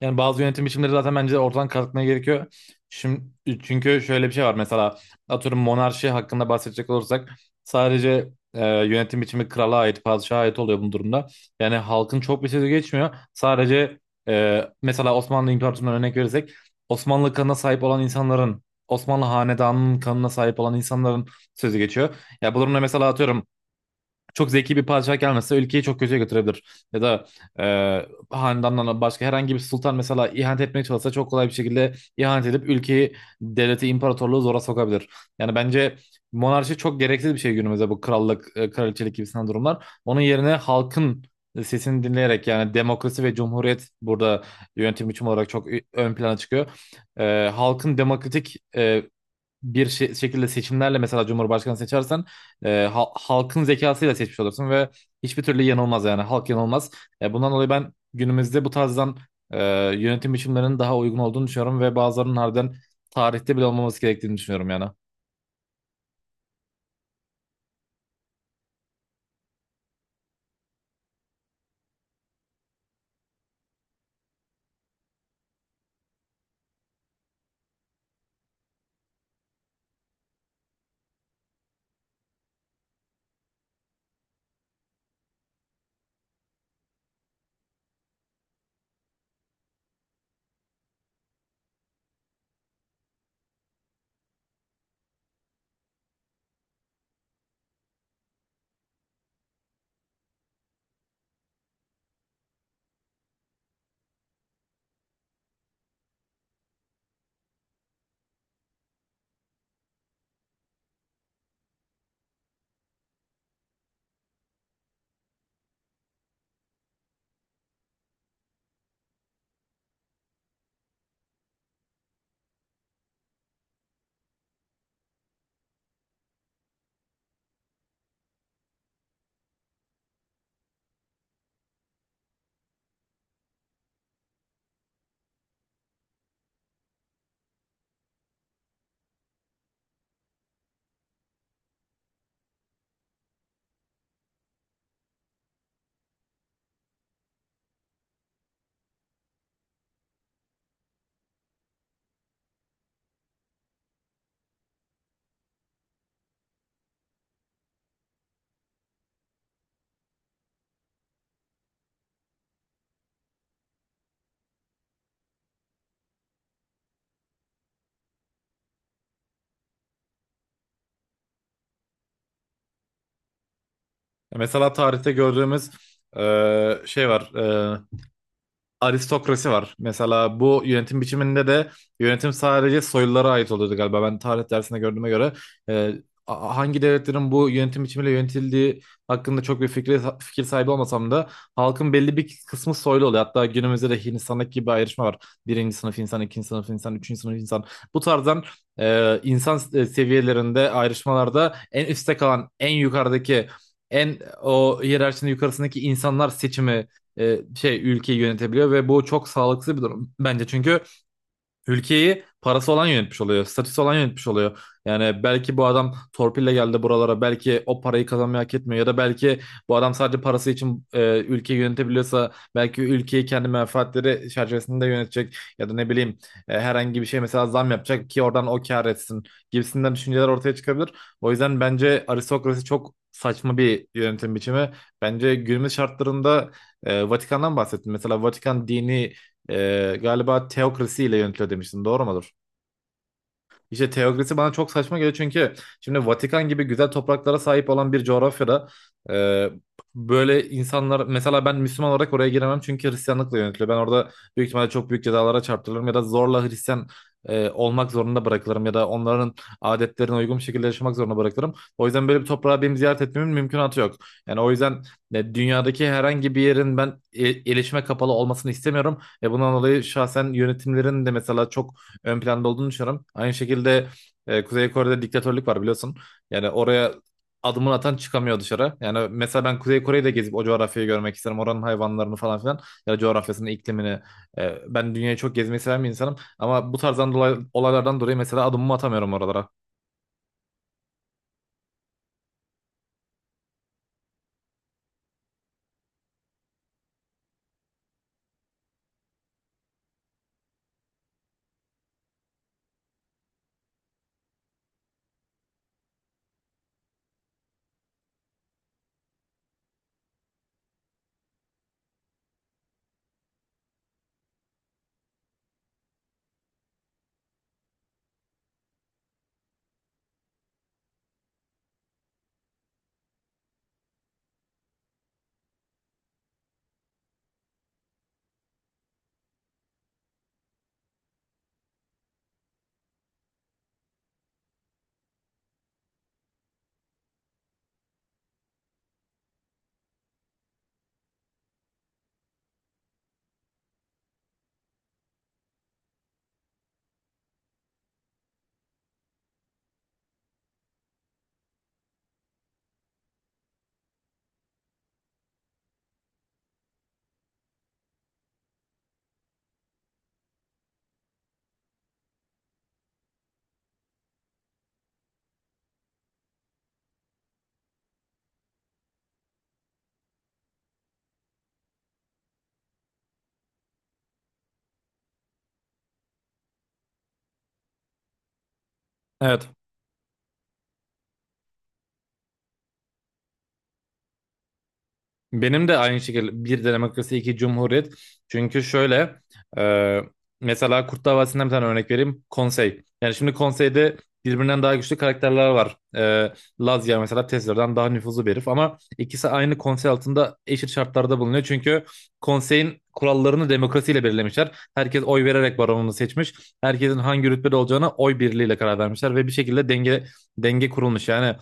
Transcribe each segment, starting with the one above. Yani bazı yönetim biçimleri zaten bence ortadan kalkmaya gerekiyor. Şimdi, çünkü şöyle bir şey var mesela atıyorum monarşi hakkında bahsedecek olursak sadece yönetim biçimi krala ait, padişaha ait oluyor bu durumda. Yani halkın çok bir sözü geçmiyor. Sadece mesela Osmanlı İmparatorluğu'ndan örnek verirsek Osmanlı kanına sahip olan insanların, Osmanlı hanedanının kanına sahip olan insanların sözü geçiyor. Ya bu durumda mesela atıyorum çok zeki bir padişah gelmese ülkeyi çok kötüye götürebilir. Ya da e, hanedandan başka herhangi bir sultan mesela ihanet etmeye çalışsa çok kolay bir şekilde ihanet edip ülkeyi, devleti, imparatorluğu zora sokabilir. Yani bence monarşi çok gereksiz bir şey günümüzde bu krallık, kraliçelik gibisinden durumlar. Onun yerine halkın sesini dinleyerek yani demokrasi ve cumhuriyet burada yönetim biçimi olarak çok ön plana çıkıyor. Halkın demokratik şekilde seçimlerle mesela Cumhurbaşkanı seçersen halkın zekasıyla seçmiş olursun ve hiçbir türlü yanılmaz yani halk yanılmaz. Bundan dolayı ben günümüzde bu tarzdan e, yönetim biçimlerinin daha uygun olduğunu düşünüyorum ve bazılarının harbiden tarihte bile olmaması gerektiğini düşünüyorum yani. Mesela tarihte gördüğümüz şey var. e, Aristokrasi var. Mesela bu yönetim biçiminde de yönetim sadece soylulara ait oluyordu galiba. Ben tarih dersinde gördüğüme göre e, hangi devletlerin bu yönetim biçimiyle yönetildiği hakkında çok bir fikir sahibi olmasam da halkın belli bir kısmı soylu oluyor. Hatta günümüzde de Hindistan'daki gibi bir ayrışma var. Birinci sınıf insan, ikinci sınıf insan, üçüncü sınıf insan. Bu tarzdan insan seviyelerinde ayrışmalarda en üstte kalan, en yukarıdaki en o hiyerarşinin yukarısındaki insanlar seçimi şey ülkeyi yönetebiliyor ve bu çok sağlıksız bir durum bence çünkü ülkeyi parası olan yönetmiş oluyor. Statüsü olan yönetmiş oluyor. Yani belki bu adam torpille geldi buralara. Belki o parayı kazanmayı hak etmiyor. Ya da belki bu adam sadece parası için ülkeyi yönetebiliyorsa belki ülkeyi kendi menfaatleri çerçevesinde yönetecek. Ya da ne bileyim herhangi bir şey mesela zam yapacak ki oradan o kâr etsin gibisinden düşünceler ortaya çıkabilir. O yüzden bence aristokrasi çok saçma bir yönetim biçimi. Bence günümüz şartlarında Vatikan'dan bahsettim. Mesela Vatikan dini galiba teokrasi ile yönetiliyor demiştin. Doğru mudur? İşte teokrasi bana çok saçma geliyor çünkü şimdi Vatikan gibi güzel topraklara sahip olan bir coğrafyada e, böyle insanlar mesela ben Müslüman olarak oraya giremem çünkü Hristiyanlıkla yönetiliyor. Ben orada büyük ihtimalle çok büyük cezalara çarptırılırım ya da zorla Hristiyan olmak zorunda bırakılırım ya da onların adetlerine uygun bir şekilde yaşamak zorunda bırakılırım. O yüzden böyle bir toprağı benim ziyaret etmemin mümkünatı yok. Yani o yüzden dünyadaki herhangi bir yerin ben iletişime kapalı olmasını istemiyorum ve bundan dolayı şahsen yönetimlerin de mesela çok ön planda olduğunu düşünüyorum. Aynı şekilde Kuzey Kore'de diktatörlük var biliyorsun. Yani oraya adımını atan çıkamıyor dışarı. Yani mesela ben Kuzey Kore'yi de gezip o coğrafyayı görmek isterim. Oranın hayvanlarını falan filan ya da coğrafyasını, iklimini. Ben dünyayı çok gezmeyi seven bir insanım ama bu tarzdan dolayı, olaylardan dolayı mesela adımımı atamıyorum oralara. Evet. Benim de aynı şekilde bir demokrasi iki cumhuriyet. Çünkü şöyle e, mesela Kurtlar Davası'ndan bir tane örnek vereyim. Konsey. Yani şimdi konseyde birbirinden daha güçlü karakterler var. Lazya mesela Tezler'den daha nüfuzlu bir herif ama ikisi aynı konsey altında eşit şartlarda bulunuyor. Çünkü konseyin kurallarını demokrasiyle belirlemişler. Herkes oy vererek baronunu seçmiş. Herkesin hangi rütbede olacağına oy birliğiyle karar vermişler ve bir şekilde denge kurulmuş. Yani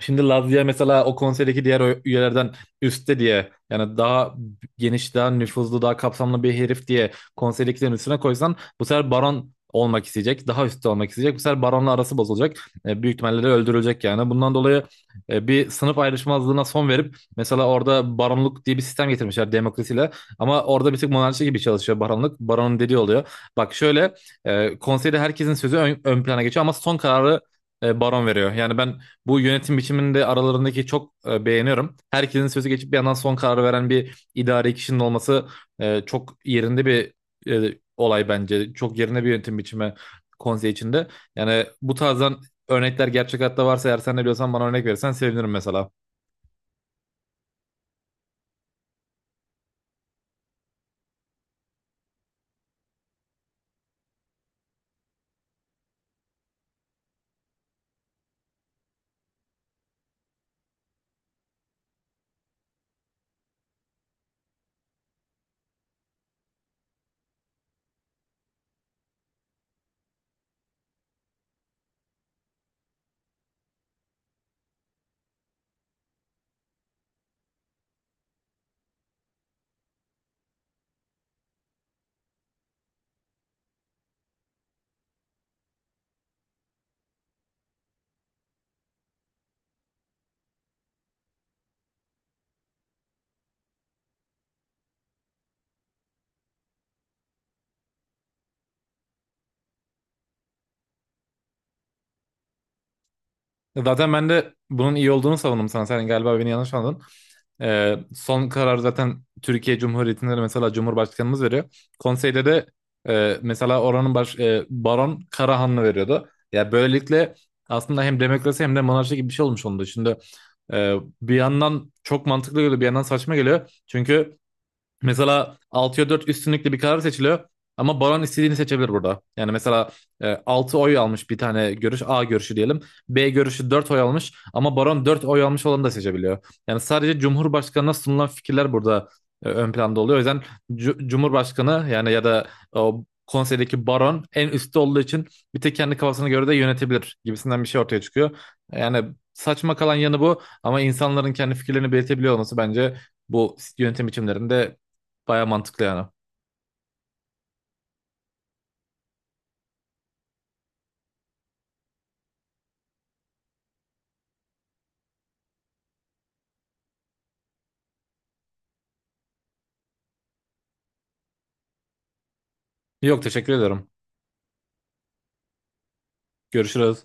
şimdi Lazia mesela o konseydeki diğer üyelerden üstte diye yani daha geniş, daha nüfuzlu, daha kapsamlı bir herif diye konserdekilerin üstüne koysan bu sefer baron olmak isteyecek. Daha üstte olmak isteyecek. Bu sefer baronla arası bozulacak. Büyük ihtimalle de öldürülecek yani. Bundan dolayı bir sınıf ayrışmazlığına son verip mesela orada baronluk diye bir sistem getirmişler demokrasiyle. Ama orada bir tık monarşi gibi çalışıyor baronluk. Baronun dediği oluyor. Bak şöyle konseyde herkesin sözü ön plana geçiyor ama son kararı baron veriyor. Yani ben bu yönetim biçiminde aralarındaki çok beğeniyorum. Herkesin sözü geçip bir yandan son kararı veren bir idari kişinin olması çok yerinde bir olay bence. Çok yerinde bir yönetim biçimi konsey içinde. Yani bu tarzdan örnekler gerçek hayatta varsa eğer sen de biliyorsan bana örnek verirsen sevinirim mesela. Zaten ben de bunun iyi olduğunu savundum sana. Sen galiba beni yanlış anladın. Son karar zaten Türkiye Cumhuriyeti'nde de mesela Cumhurbaşkanımız veriyor. Konseyde de mesela oranın Baron Karahanlı veriyordu. Ya böylelikle aslında hem demokrasi hem de monarşi gibi bir şey olmuş oldu. Şimdi e, bir yandan çok mantıklı geliyor, bir yandan saçma geliyor. Çünkü mesela 6'ya 4 üstünlükle bir karar seçiliyor. Ama baron istediğini seçebilir burada. Yani mesela 6 oy almış bir tane görüş. A görüşü diyelim. B görüşü 4 oy almış. Ama baron 4 oy almış olanı da seçebiliyor. Yani sadece Cumhurbaşkanı'na sunulan fikirler burada ön planda oluyor. O yüzden Cumhurbaşkanı yani ya da o konseydeki baron en üstte olduğu için bir tek kendi kafasına göre de yönetebilir gibisinden bir şey ortaya çıkıyor. Yani saçma kalan yanı bu. Ama insanların kendi fikirlerini belirtebiliyor olması bence bu yönetim biçimlerinde baya mantıklı yani. Yok teşekkür ederim. Görüşürüz.